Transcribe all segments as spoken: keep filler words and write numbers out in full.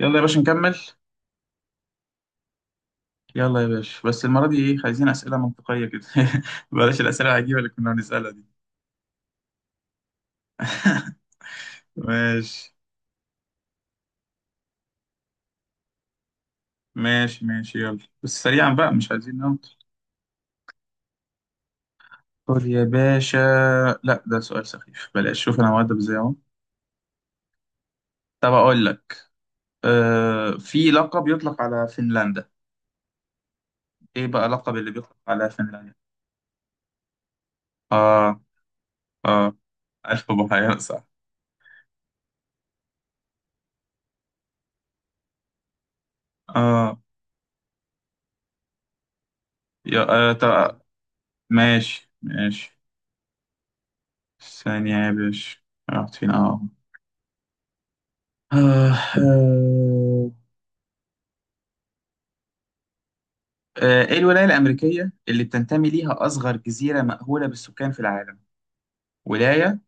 يلا يا باشا نكمل. يلا يا باشا بس المرة دي ايه، عايزين أسئلة منطقية كده. بلاش الأسئلة العجيبة اللي كنا بنسألها دي. ماشي ماشي ماشي يلا، بس سريعا بقى مش عايزين نمط. خد يا باشا. لا ده سؤال سخيف، بلاش. شوف انا مؤدب ازاي اهو. طب اقول لك، آه في لقب يطلق على فنلندا. ايه بقى لقب اللي بيطلق على فنلندا؟ اه. اه، ألف بحيرة صح. اه. يا آه طب ماشي ماشي. ثانية يا باشا، رحت فين؟ اه. آه، آه، آه، ايه الولاية الأمريكية اللي بتنتمي ليها أصغر جزيرة مأهولة بالسكان في العالم؟ ولاية.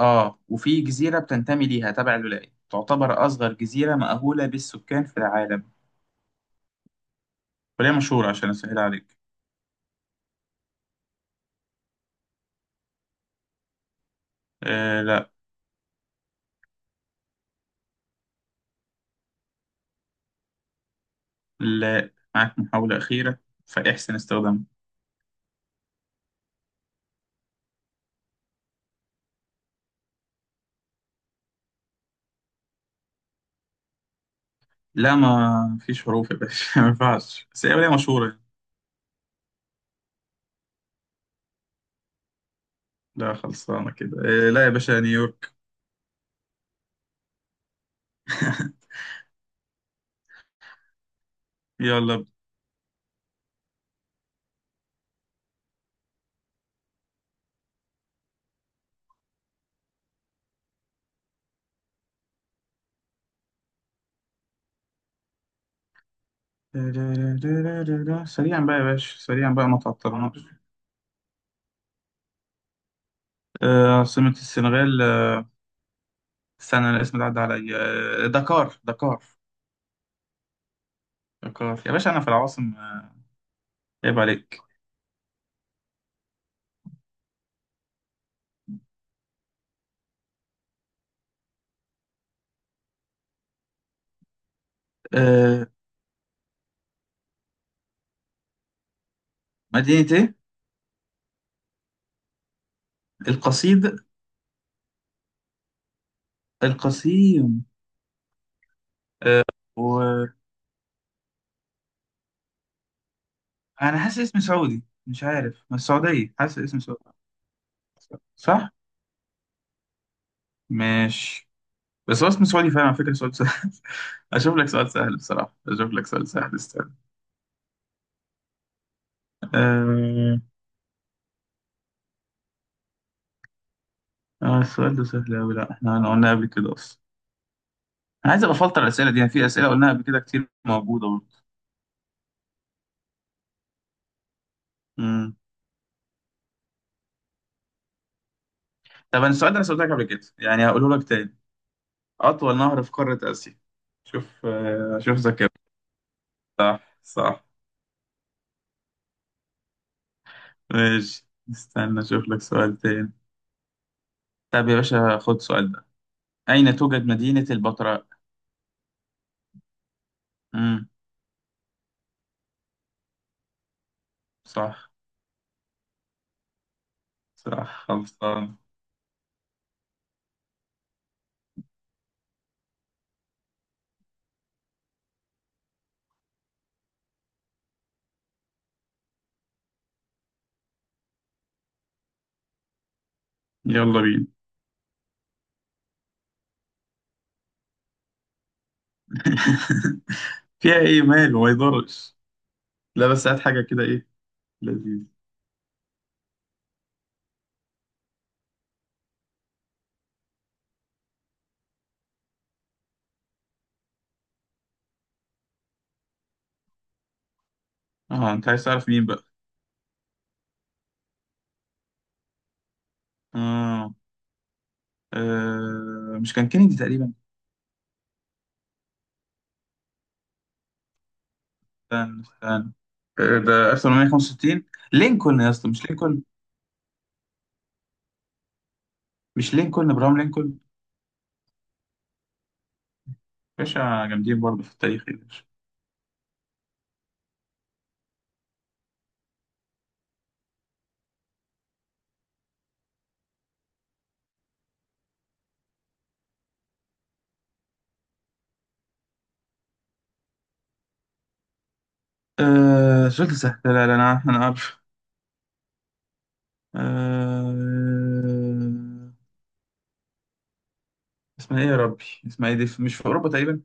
آه، وفي جزيرة بتنتمي ليها تبع الولاية، تعتبر أصغر جزيرة مأهولة بالسكان في العالم. ولاية مشهورة عشان أسهل عليك. آه لا. لا، معاك محاولة أخيرة فاحسن استخدامها. لا ما فيش حروف يا باشا. ما ينفعش، بس هي ولاية مشهورة. لا خلصانة كده. آه لا يا باشا، نيويورك. يلا. سريعا بقى يا باشا، سريعا بقى ما تعطلناش. آه، عاصمة السنغال. آه، استنى الاسم ده عدى عليا. آه، دكار دكار. دكار يا باشا، أنا في العواصم آه، عيب عليك. آه. مدينة إيه؟ القصيد. القصيم. آه، وأنا حاسس اسم سعودي، مش عارف، من السعودية، حاسس اسم سعودي. صح؟ ماشي. بس هو اسم سعودي فعلا على فكرة، سؤال سهل. أشوف لك سؤال سهل بصراحة، أشوف لك سؤال سهل. استنى. آه، اه السؤال ده سهل أوي، لا احنا أنا قلنا قبل كده أصلا. أنا عايز أبقى أفلتر الأسئلة دي، يعني في أسئلة قلناها قبل كده كتير موجودة برضه. امم طب أنا السؤال ده أنا سألتك قبل كده يعني، هقوله لك تاني. أطول نهر في قارة آسيا. شوف، آه، شوف ذكاء. صح صح. ماشي، استنى أشوف لك سؤال تاني. طب يا باشا، خد السؤال ده. أين توجد مدينة البتراء؟ امم صح. صح، خلصان. يلا بينا. فيها إيه؟ مال وما يضرش. لا بس هات حاجة كده، إيه لذيذ. اه انت عايز تعرف مين بقى. آه. آه. مش كان كينيدي تقريبا؟ استنى استنى. آه. ده ألف وثمانمية وخمسة وستين. لينكولن يا اسطى. مش لينكولن، مش لينكولن، ابراهام لينكولن. باشا جامدين برضه في التاريخ يا باشا. آه. سؤال سهل. لا لا لا، انا عارف انا عارف. آه. اسمها ايه يا ربي؟ اسمها ايه؟ دي مش في اوروبا تقريبا؟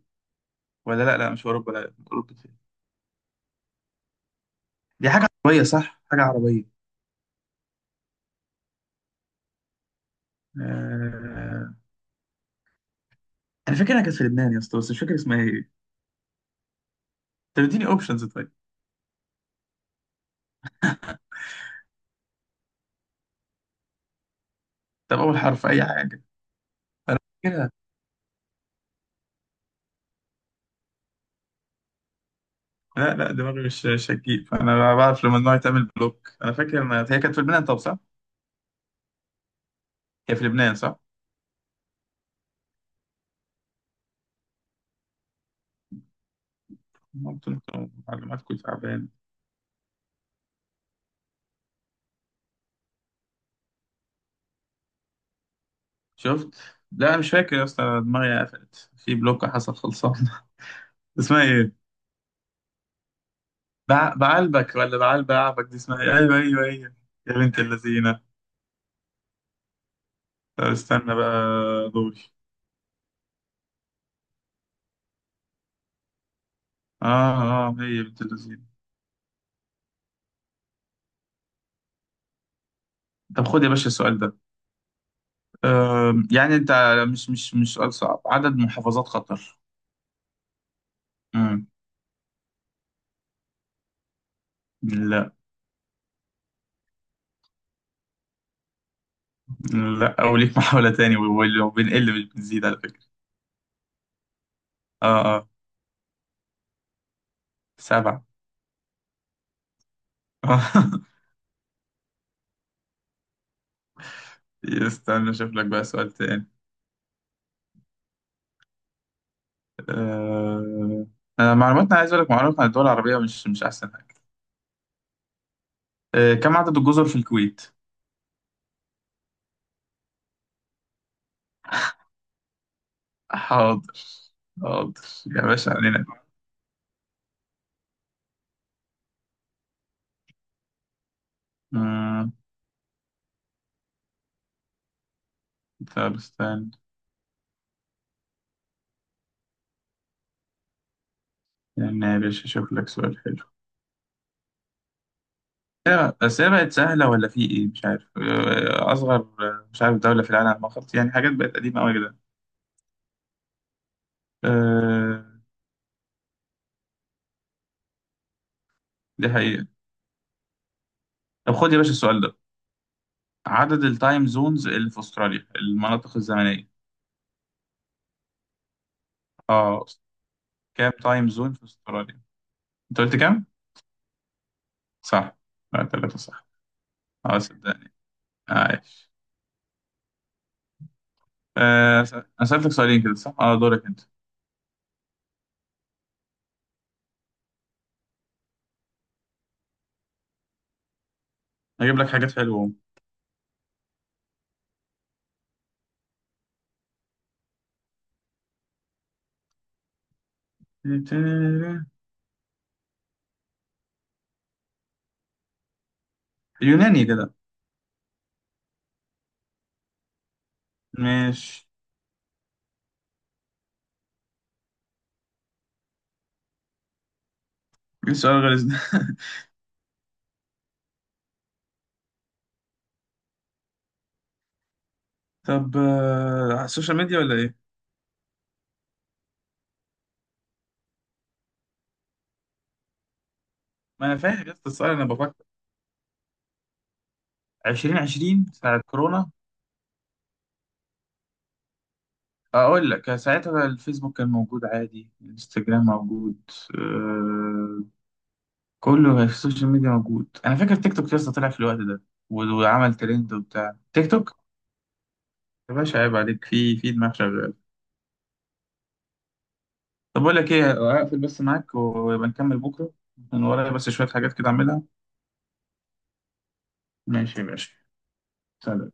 ولا لا لا، مش في اوروبا. لا اوروبا دي. دي حاجه عربيه صح، حاجه عربيه. آه... انا فاكر انها كانت في لبنان يا اسطى، بس مش فاكر اسمها ايه. طب اديني اوبشنز طيب. طب اول حرف، اي حاجه. انا فاكر. لا لا، دماغي مش شكيك، فانا بعرف لما النوع يتعمل بلوك. انا فاكر إن هي كانت في لبنان، طب صح؟ هي في لبنان صح؟ أنا قلت لكم معلوماتكم تعبان. شفت؟ لا أنا مش فاكر يا اسطى، دماغي قفلت في بلوك، حصل خلصان. اسمها ايه؟ بع... بعلبك ولا بعلب بعبك؟ دي اسمها ايه؟ ايوه ايوه ايوه. يا بنت اللذينه. طب استنى بقى دوري. اه. اه هي بنت اللذينه. طب خد يا باشا السؤال ده. أم... يعني انت، مش مش مش سؤال صعب، عدد محافظات قطر. امم لا. لا، او ليك محاولة تاني، وبنقل مش بنزيد على فكرة. اه اه. سبعة. آه. استنى اشوف لك بقى سؤال تاني. آه... انا معلوماتنا، عايز اقول لك، معلومات عن الدول العربية مش مش احسن حاجة. آه... كم عدد الجزر في الكويت؟ حاضر. حاضر يا باشا علينا. مم، طب استنى يعني يا باشا، اشوف لك سؤال حلو. إيه، بس هي بقت سهلة ولا في ايه مش عارف. آه، اصغر، آه، مش عارف، دولة في العالم ما خدت، يعني حاجات بقت قديمة قوي كده. آه، دي حقيقة. طب خد يا باشا السؤال ده. عدد التايم زونز اللي في استراليا، المناطق الزمنيه. اه. كام تايم زون في استراليا؟ انت قلت كام؟ صح. لا ثلاثه صح. اه صدقني. عايش. آه س- انا سالتك سؤالين كده صح، اه دورك انت. هجيب لك حاجات حلوه اهو. يوناني كده. مش، ايه السؤال غير ده؟ طب آه، على السوشيال ميديا ولا ايه؟ ما انا فاهم يا اسطى السؤال، انا بفكر. ألفين وعشرين، ساعه كورونا. اقول لك ساعتها الفيسبوك كان موجود عادي، الانستجرام موجود. آه. كله في السوشيال ميديا موجود. انا فاكر تيك توك لسه طلع في الوقت ده، و- وعمل ترند وبتاع، تيك توك. يا باشا عيب عليك، في في دماغ شغال. طب اقول لك ايه، اقفل بس معاك ويبقى نكمل بكره. من ورايا بس شويه حاجات كده اعملها. ماشي يا باشا. سلام.